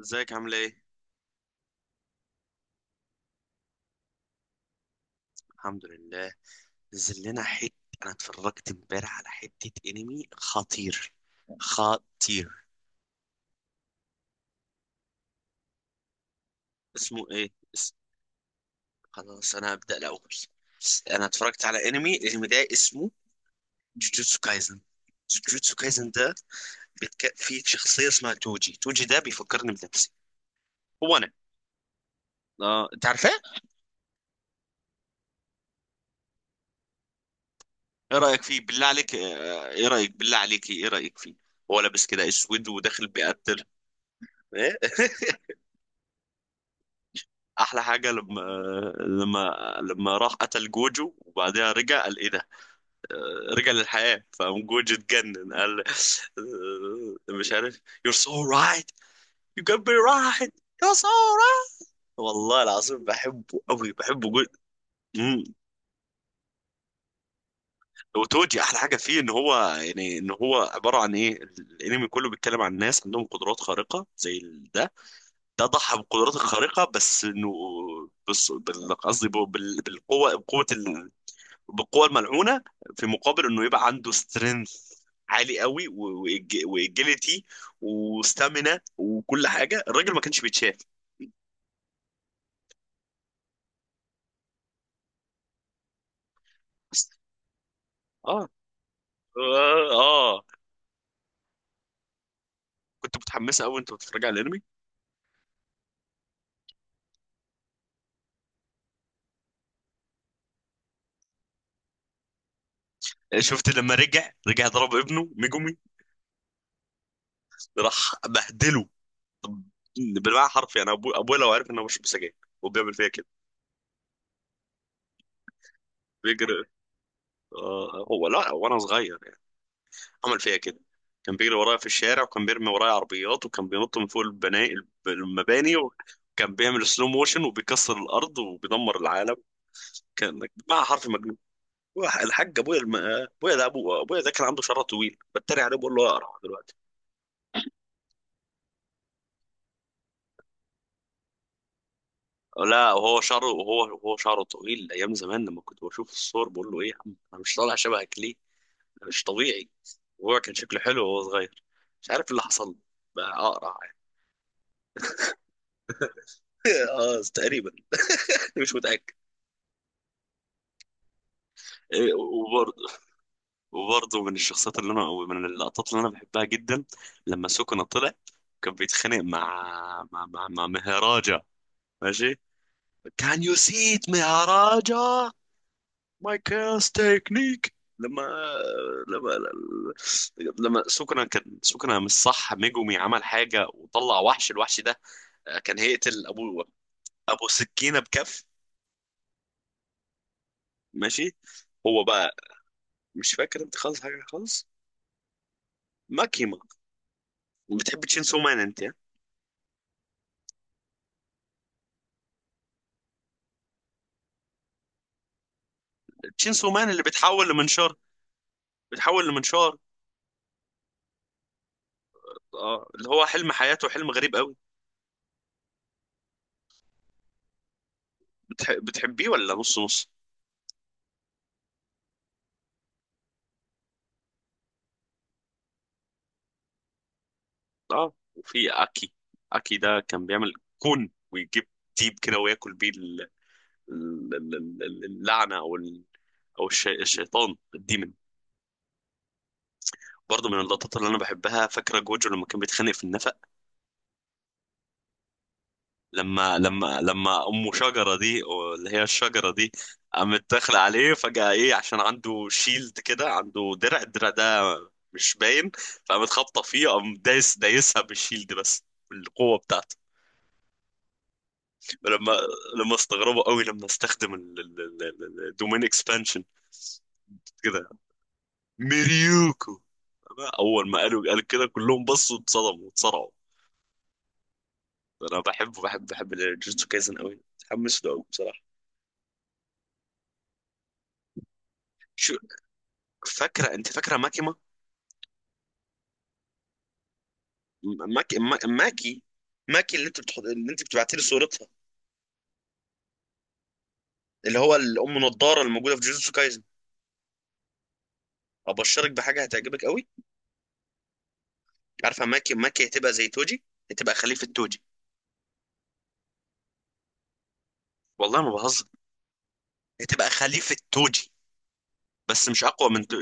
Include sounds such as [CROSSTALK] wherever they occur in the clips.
ازيك؟ عامله ايه؟ الحمد لله. نزل لنا حته. انا اتفرجت امبارح على حته انمي خطير، خطير. اسمه ايه؟ خلاص، انا هبدا الاول. انا اتفرجت على الانمي ده اسمه جوجوتسو كايزن. جوجوتسو كايزن ده فيه شخصيه اسمها توجي. توجي ده بيفكرني بنفسي، هو انا. اه، انت عارفاه؟ ايه رايك فيه بالله عليك؟ ايه رايك بالله عليك؟ ايه رايك فيه؟ هو لابس كده اسود وداخل بيقتل. ايه [LAUGHS] احلى حاجه لما، لما لما راح قتل جوجو وبعدها رجع قال ايه ده؟ رجع للحياه، فقام جوجو اتجنن قال مش عارف. you're so right. you can be right. you're so right. والله العظيم بحبه قوي، بحبه جدا. امم وتوجي احلى حاجه فيه ان هو، يعني ان هو عباره عن ايه، الانمي كله بيتكلم عن ناس عندهم قدرات خارقه زي ده. ده ضحى بالقدرات الخارقه بس انه، بس بال- قصدي بال- بالقوه، بقوه، بالقوة الملعونة، في مقابل انه يبقى عنده سترينث عالي قوي، واجيلتي وستامينا وكل حاجة. الراجل ما كانش بيتشاف. اه. اه. كنت متحمسة قوي. انت بتتفرج على الانمي؟ شفت لما رجع؟ رجع ضرب ابنه ميجومي، راح بهدله. طب بالمعنى حرفي انا، ابويا، لو عارف ان انا بشرب سجاير وبيعمل فيا كده. بيجري. هو لا، وانا صغير عمل فيها كده. كان بيجري ورايا في الشارع، وكان بيرمي ورايا عربيات، وكان بينط من فوق المباني، وكان بيعمل سلو موشن وبيكسر الارض وبيدمر العالم. كان مع حرف مجنون. الحاج ابويا، ابويا ده، ابو ابويا ده، كان عنده شعر طويل، بتريق عليه بقول له اقرع دلوقتي. لا، وهو شعره، وهو شعره طويل ايام زمان، لما كنت بشوف الصور بقول له ايه يا عم، انا مش طالع شبهك ليه؟ انا مش طبيعي. وهو كان شكله حلو وهو صغير، مش عارف إيه اللي حصل له، بقى اقرع يعني. [LAUGHS] اه، تقريبا، مش متاكد. وبرضه، وبرضه من الشخصيات اللي انا، او من اللقطات اللي انا بحبها جدا، لما سوكونا طلع كان بيتخانق مع، مع مهراجا. ماشي. كان يو سي ات مهراجا. ماي كاس تكنيك، لما، لما لما سوكونا كان سوكونا، مش صح، ميجومي عمل حاجه وطلع وحش، الوحش ده كان هيقتل ابو، سكينه بكف. ماشي. هو بقى، مش فاكر انت خالص، حاجه خالص. ماكيما، بتحب تشين سو مان انت يعني؟ شينسو مان اللي بيتحول لمنشار، بيتحول لمنشار. اه، اللي هو حلم حياته، حلم غريب قوي. بتحبيه، ولا نص نص؟ اه، وفي اكي. اكي ده كان بيعمل كون، ويجيب ديب كده، وياكل بيه ال- ال- اللعنه، او الشيطان، الديمن. برضه من اللقطات اللي انا بحبها، فاكره جوجو لما كان بيتخانق في النفق؟ لما، لما امه شجره دي، أو اللي هي الشجره دي، قامت داخله عليه فجاه، ايه، عشان عنده شيلد كده، عنده درع، الدرع ده مش باين، فقامت خابطه فيه، قام دايس، دايسها بالشيلد بس، بالقوه بتاعته. لما، لما استغربوا قوي لما استخدم الدومين اكسبانشن كده، ميريوكو، اول ما قالوا قال كده كلهم بصوا، اتصدموا، اتصارعوا. انا بحبه، بحب الجوجوتسو كايزن قوي، متحمس له قوي بصراحه. شو، فاكره انت؟ فاكره ماكيما، ماكي ماكي ماكي، اللي انت بتحط، اللي انت بتبعتي لي صورتها، اللي هو الام نضاره اللي موجوده في جوجوتسو كايزن. ابشرك بحاجه هتعجبك قوي. عارفه ماكي؟ ماكي هتبقى زي توجي، هتبقى خليفه توجي. والله ما بهزر، هتبقى خليفه توجي. بس مش اقوى من تو...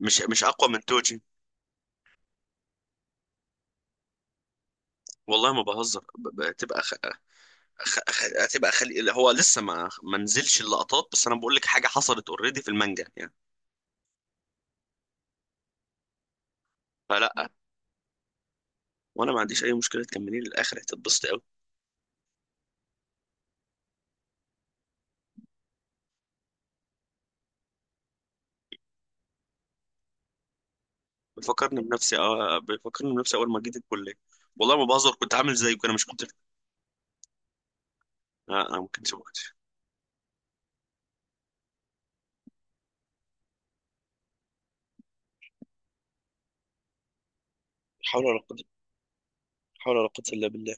مش مش اقوى من توجي. والله ما بهزر، ب- ب- هتبقى خ... خ... خ... هتبقى خلي... اللي هو لسه ما نزلش اللقطات، بس انا بقول لك حاجه حصلت اوريدي في المانجا يعني. فلا، وانا ما عنديش اي مشكله، تكمليه للاخر هتتبسطي قوي. بيفكرني بنفسي، اه بيفكرني بنفسي، اول ما جيت الكليه. والله ما بهزر، كنت عامل زيه انا، مش كنت. لا انا ما كنتش، ما كنتش. حول ولا قوة، حول ولا قوة إلا بالله.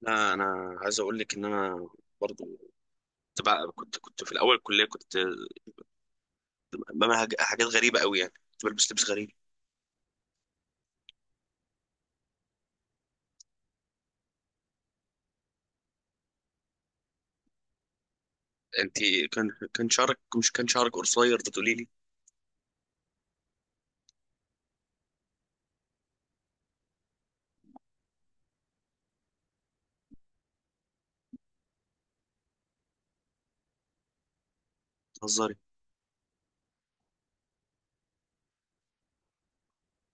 لا انا عايز اقول لك ان انا برضو، كنت بقى، كنت في الاول الكليه، كنت بعمل حاجات غريبه قوي يعني، كنت بلبس لبس غريب. انت، كان شعرك، مش كان شعرك قصير بتقولي لي؟ بتهزري.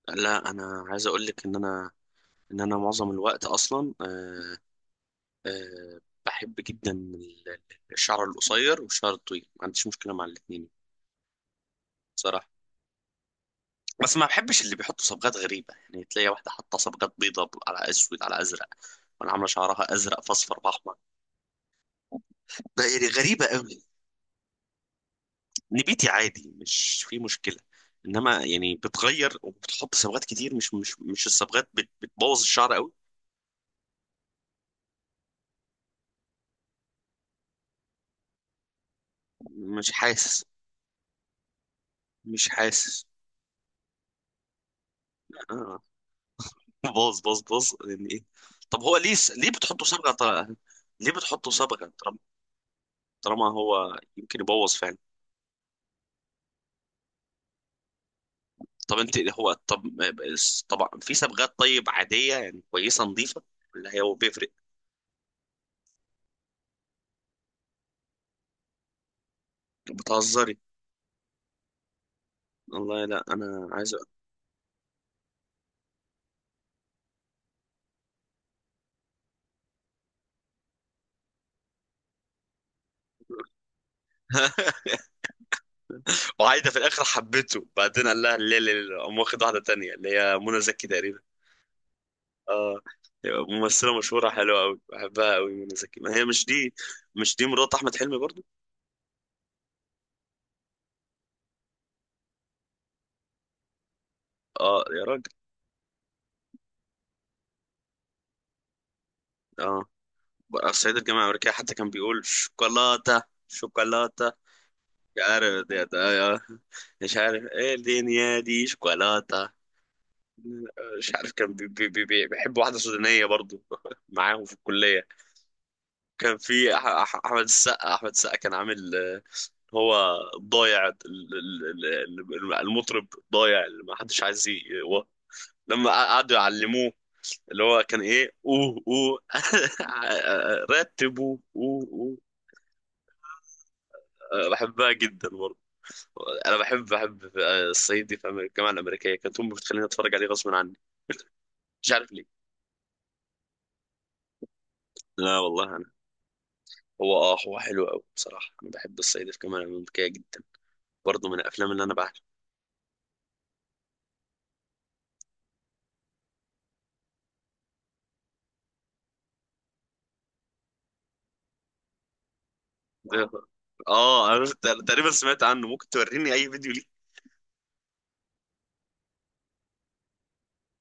لا انا عايز اقول لك ان انا، ان انا معظم الوقت اصلا، آه، أه بحب جدا الشعر القصير والشعر الطويل، ما عنديش مشكلة مع الاتنين بصراحة. بس ما بحبش اللي بيحطوا صبغات غريبة، يعني تلاقي واحدة حاطة صبغات بيضة على أسود على أزرق، وأنا عاملة شعرها أزرق في أصفر في أحمر، ده يعني غريبة أوي. نبيتي عادي مش في مشكلة، إنما يعني بتغير وبتحط صبغات كتير، مش الصبغات بتبوظ الشعر أوي. مش حاسس. مش حاسس. آه. باظ باظ باظ يعني ايه؟ طب هو ليه، ليه بتحطوا صبغه طالعة؟ ليه بتحطوا صبغه طالما، طالما هو يمكن يبوظ فعلا؟ طب انت، هو، طب طبعا في صبغات طيب عاديه، يعني كويسه نظيفه، اللي هي هو بيفرق. بتهزري. والله لا انا عايز. [LAUGHS] وعايده في الاخر حبيته، بعدين قال لها لا لا لا، قام واخد واحده تانية اللي هي منى زكي تقريبا. اه، ممثله مشهوره حلوه قوي، بحبها قوي منى زكي. ما هي مش دي؟ مش دي مرات احمد حلمي برضو؟ اه يا راجل، اه. بقى الصعيد الجامعة الأمريكية حتى كان بيقول شوكولاتة، شوكولاتة. مش عارف دي، مش عارف ايه الدنيا دي، شوكولاتة. مش عارف. كان بيحب واحدة سودانية برضو [LAUGHS] معاهم في الكلية. كان في أحمد السقا، أحمد السقا كان عامل هو ضايع، المطرب ضايع اللي ما حدش عايز هو، لما قعدوا يعلموه، اللي هو كان ايه، اوه اوه [LAUGHS] رتبوا اوه اوه. بحبها جدا برضه. انا بحب، الصعيد دي في أمريكا، الجامعه الامريكيه، كانت امي بتخليني اتفرج عليه غصب عني، مش عارف ليه. لا والله انا، هو اه، هو حلو قوي بصراحه، انا بحب الصعيد في الجامعه الامريكيه جدا، برضه من الافلام اللي انا بعشقها. اه انا تقريبا سمعت عنه، ممكن توريني اي فيديو.